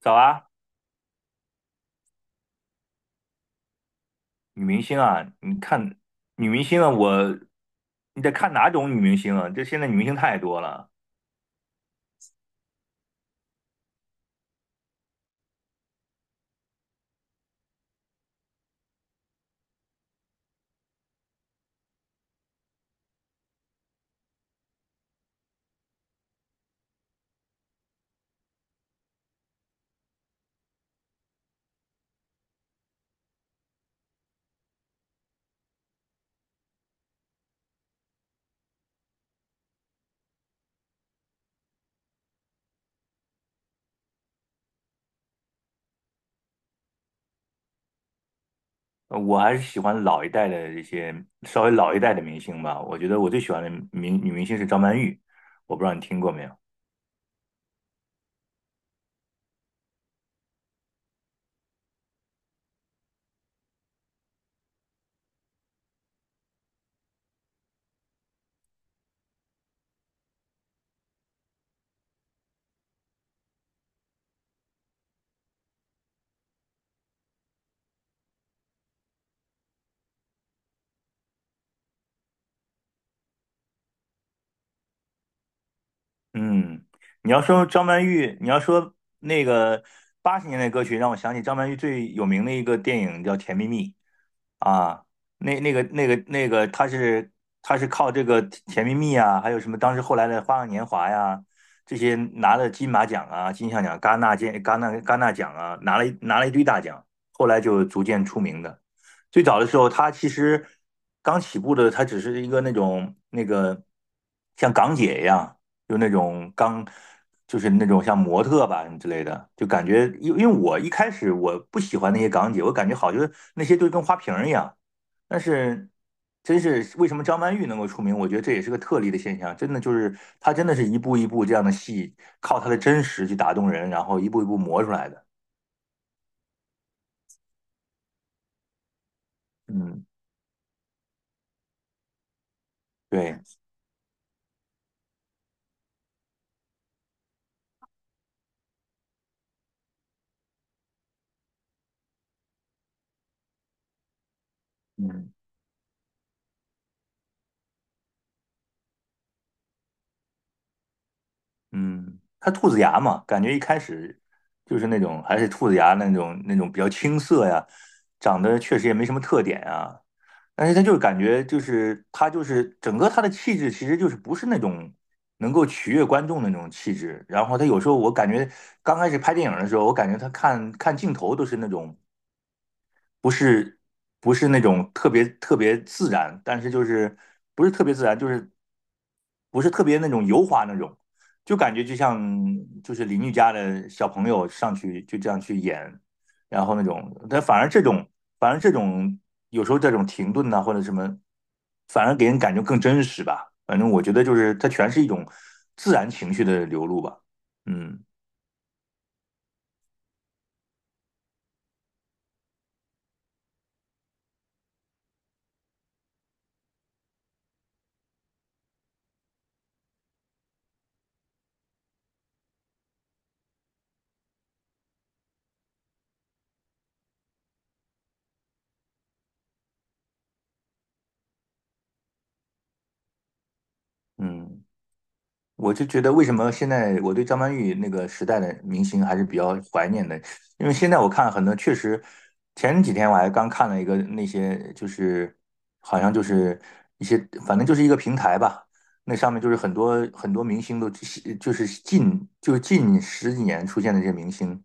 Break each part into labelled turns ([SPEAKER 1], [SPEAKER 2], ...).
[SPEAKER 1] 早啊，女明星啊，你看女明星啊，你得看哪种女明星啊？这现在女明星太多了，我还是喜欢老一代的这些稍微老一代的明星吧。我觉得我最喜欢的女明星是张曼玉，我不知道你听过没有？嗯，你要说张曼玉，你要说那个80年代歌曲，让我想起张曼玉最有名的一个电影叫《甜蜜蜜》啊，那个，她是靠这个《甜蜜蜜》啊，还有什么当时后来的《花样年华》呀，这些拿了金马奖啊、金像奖、戛纳金戛纳戛纳奖啊，拿了一堆大奖，后来就逐渐出名的。最早的时候，她其实刚起步的，她只是一个那种那个像港姐一样。就那种刚，就是那种像模特吧之类的，就感觉，因为我一开始我不喜欢那些港姐，我感觉好就是那些就跟花瓶儿一样。但是，真是为什么张曼玉能够出名？我觉得这也是个特例的现象，真的就是她真的是一步一步这样的戏，靠她的真实去打动人，然后一步一步磨出来的。嗯，对，嗯。嗯，他兔子牙嘛，感觉一开始就是那种还是兔子牙那种比较青涩呀，长得确实也没什么特点啊。但是他就是感觉就是他就是整个他的气质其实就是不是那种能够取悦观众的那种气质。然后他有时候我感觉刚开始拍电影的时候，我感觉他看看镜头都是那种不是不是那种特别特别自然，但是就是不是特别自然，就是不是特别那种油滑那种，就感觉就像就是邻居家的小朋友上去就这样去演，然后那种，但反而这种有时候这种停顿呐、或者什么，反而给人感觉更真实吧。反正我觉得就是它全是一种自然情绪的流露吧。嗯嗯。我就觉得为什么现在我对张曼玉那个时代的明星还是比较怀念的，因为现在我看很多确实，前几天我还刚看了一个那些就是好像就是一些反正就是一个平台吧，那上面就是很多很多明星都就是近十几年出现的这些明星，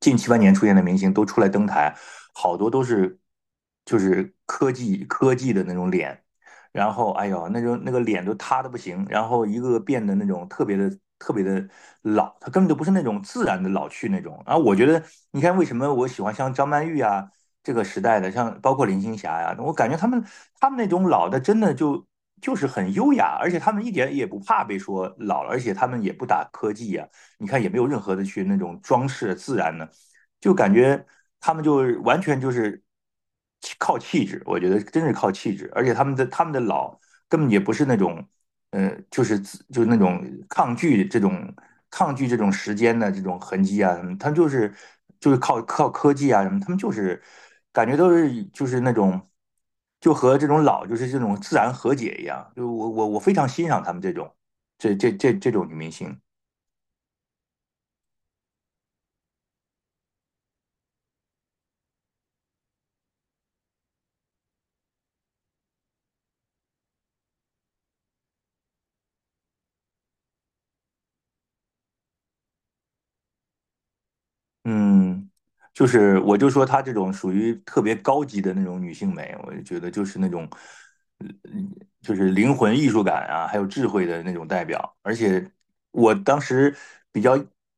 [SPEAKER 1] 近七八年出现的明星都出来登台，好多都是就是科技的那种脸。然后哎呦，那就那个脸都塌的不行，然后一个个变得那种特别的老，他根本就不是那种自然的老去那种。啊，我觉得你看为什么我喜欢像张曼玉啊这个时代的，像包括林青霞呀、啊我感觉他们那种老的真的就是很优雅，而且他们一点也不怕被说老了，而且他们也不打科技呀、啊你看也没有任何的去那种装饰自然的。就感觉他们就完全就是靠气质，我觉得真是靠气质，而且他们的老根本也不是那种，就是就是那种抗拒这种抗拒这种时间的这种痕迹啊什么他们就是就是靠科技啊什么，他们就是感觉都是就是那种。就和这种老，就是这种自然和解一样，就我非常欣赏他们这种这种女明星，嗯，就是我就说她这种属于特别高级的那种女性美，我就觉得就是那种，嗯，就是灵魂艺术感啊，还有智慧的那种代表。而且我当时比较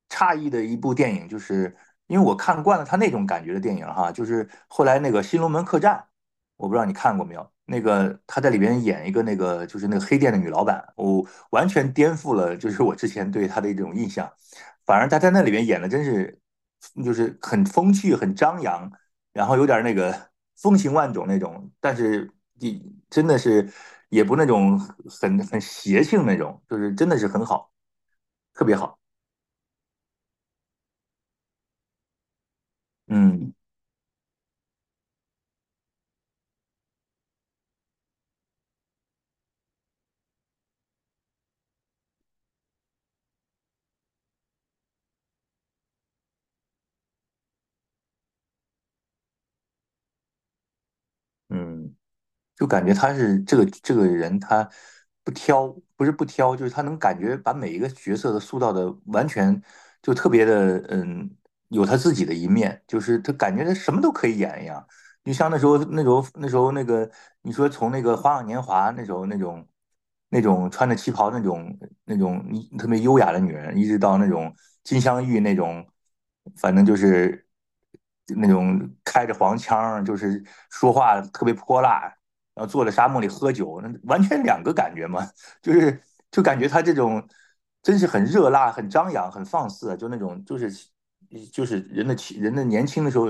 [SPEAKER 1] 诧异的一部电影，就是因为我看惯了她那种感觉的电影哈，就是后来那个《新龙门客栈》，我不知道你看过没有？那个她在里边演一个那个就是那个黑店的女老板，我完全颠覆了就是我之前对她的一种印象。反而他在那里面演的真是，就是很风趣、很张扬，然后有点那个风情万种那种，但是你真的是也不那种很邪性那种，就是真的是很好，特别好。嗯嗯，就感觉他是这个人，他不挑，不是不挑，就是他能感觉把每一个角色的塑造的完全就特别的，有他自己的一面，就是他感觉他什么都可以演一样。就像那时候那个，你说从那个《花样年华》那时候那种那种穿着旗袍那种那种特别优雅的女人，一直到那种金镶玉那种，反正就是那种开着黄腔儿就是说话特别泼辣，然后坐在沙漠里喝酒，那完全两个感觉嘛，就是就感觉他这种真是很热辣、很张扬、很放肆啊，就那种就是就是人的年轻的时候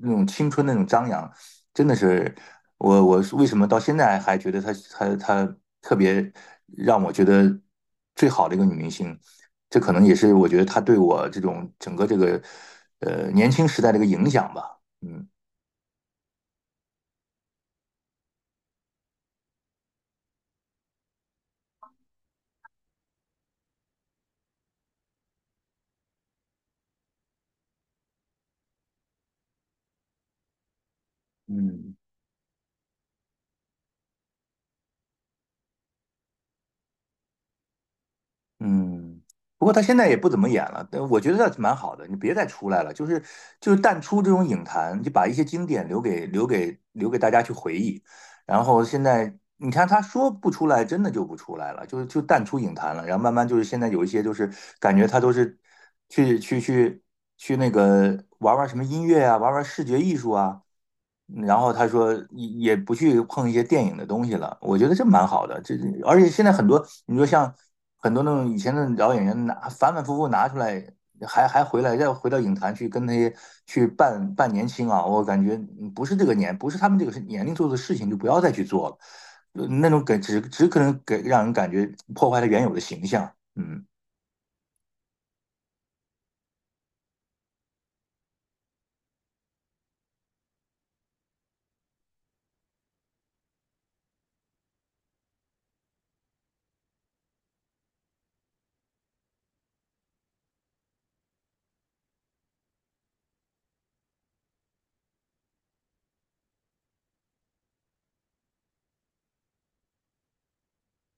[SPEAKER 1] 那种青春那种张扬，真的是我为什么到现在还觉得他特别让我觉得最好的一个女明星，这可能也是我觉得她对我这种整个这个年轻时代的一个影响吧，嗯。嗯。嗯，不过他现在也不怎么演了，但我觉得倒是蛮好的。你别再出来了，就是就是淡出这种影坛，就把一些经典留给大家去回忆。然后现在你看他说不出来，真的就不出来了，就是就淡出影坛了。然后慢慢就是现在有一些就是感觉他都是去去去去那个玩玩什么音乐啊，玩玩视觉艺术啊，然后他说也不去碰一些电影的东西了，我觉得这蛮好的。而且现在很多，你说像很多那种以前的老演员拿反反复复拿出来，还回来再回到影坛去跟那些去扮扮年轻啊，我感觉不是这个年，不是他们这个年龄做的事情就不要再去做了，那种给只可能给让人感觉破坏了原有的形象。嗯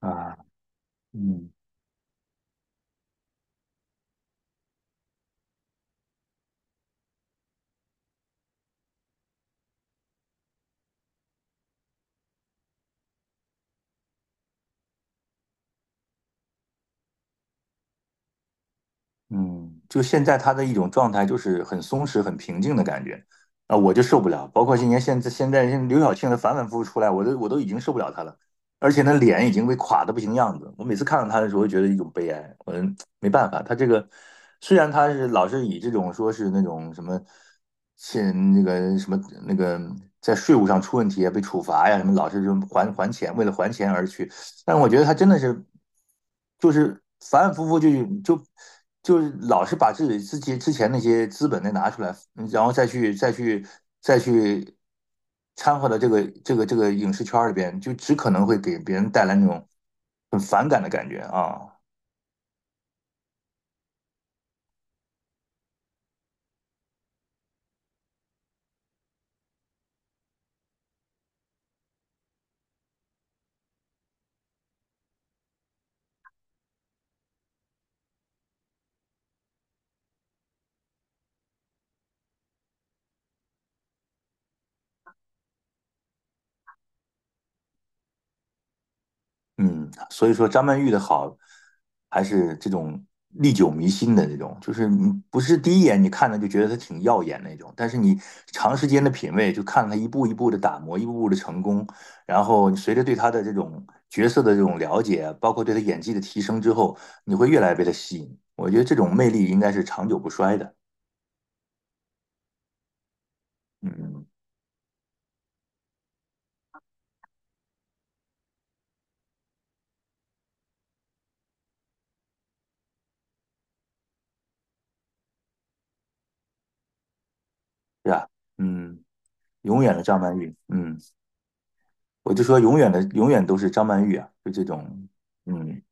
[SPEAKER 1] 啊，嗯。嗯，就现在他的一种状态就是很松弛、很平静的感觉，啊，我就受不了。包括现在像刘晓庆的反反复复出来，我都已经受不了她了，而且那脸已经被垮的不行样子。我每次看到她的时候，觉得一种悲哀。我没办法，她这个虽然她是老是以这种说是那种什么欠那个什么那个在税务上出问题啊，被处罚呀，什么老是就还钱，为了还钱而去，但我觉得他真的是，就是反反复复就就就是老是把自己之前那些资本再拿出来，然后再去掺和到这个影视圈里边，就只可能会给别人带来那种很反感的感觉啊。嗯，所以说张曼玉的好，还是这种历久弥新的这种，就是你不是第一眼你看着就觉得她挺耀眼那种，但是你长时间的品味，就看她一步一步的打磨，一步步的成功，然后你随着对她的这种角色的这种了解，包括对她演技的提升之后，你会越来越被她吸引。我觉得这种魅力应该是长久不衰的。嗯，是吧？嗯，永远的张曼玉。嗯，我就说永远的，永远都是张曼玉啊，就这种，嗯。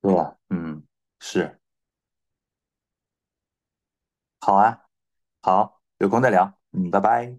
[SPEAKER 1] 对呀，嗯，是，好啊，好，有空再聊，嗯，拜拜。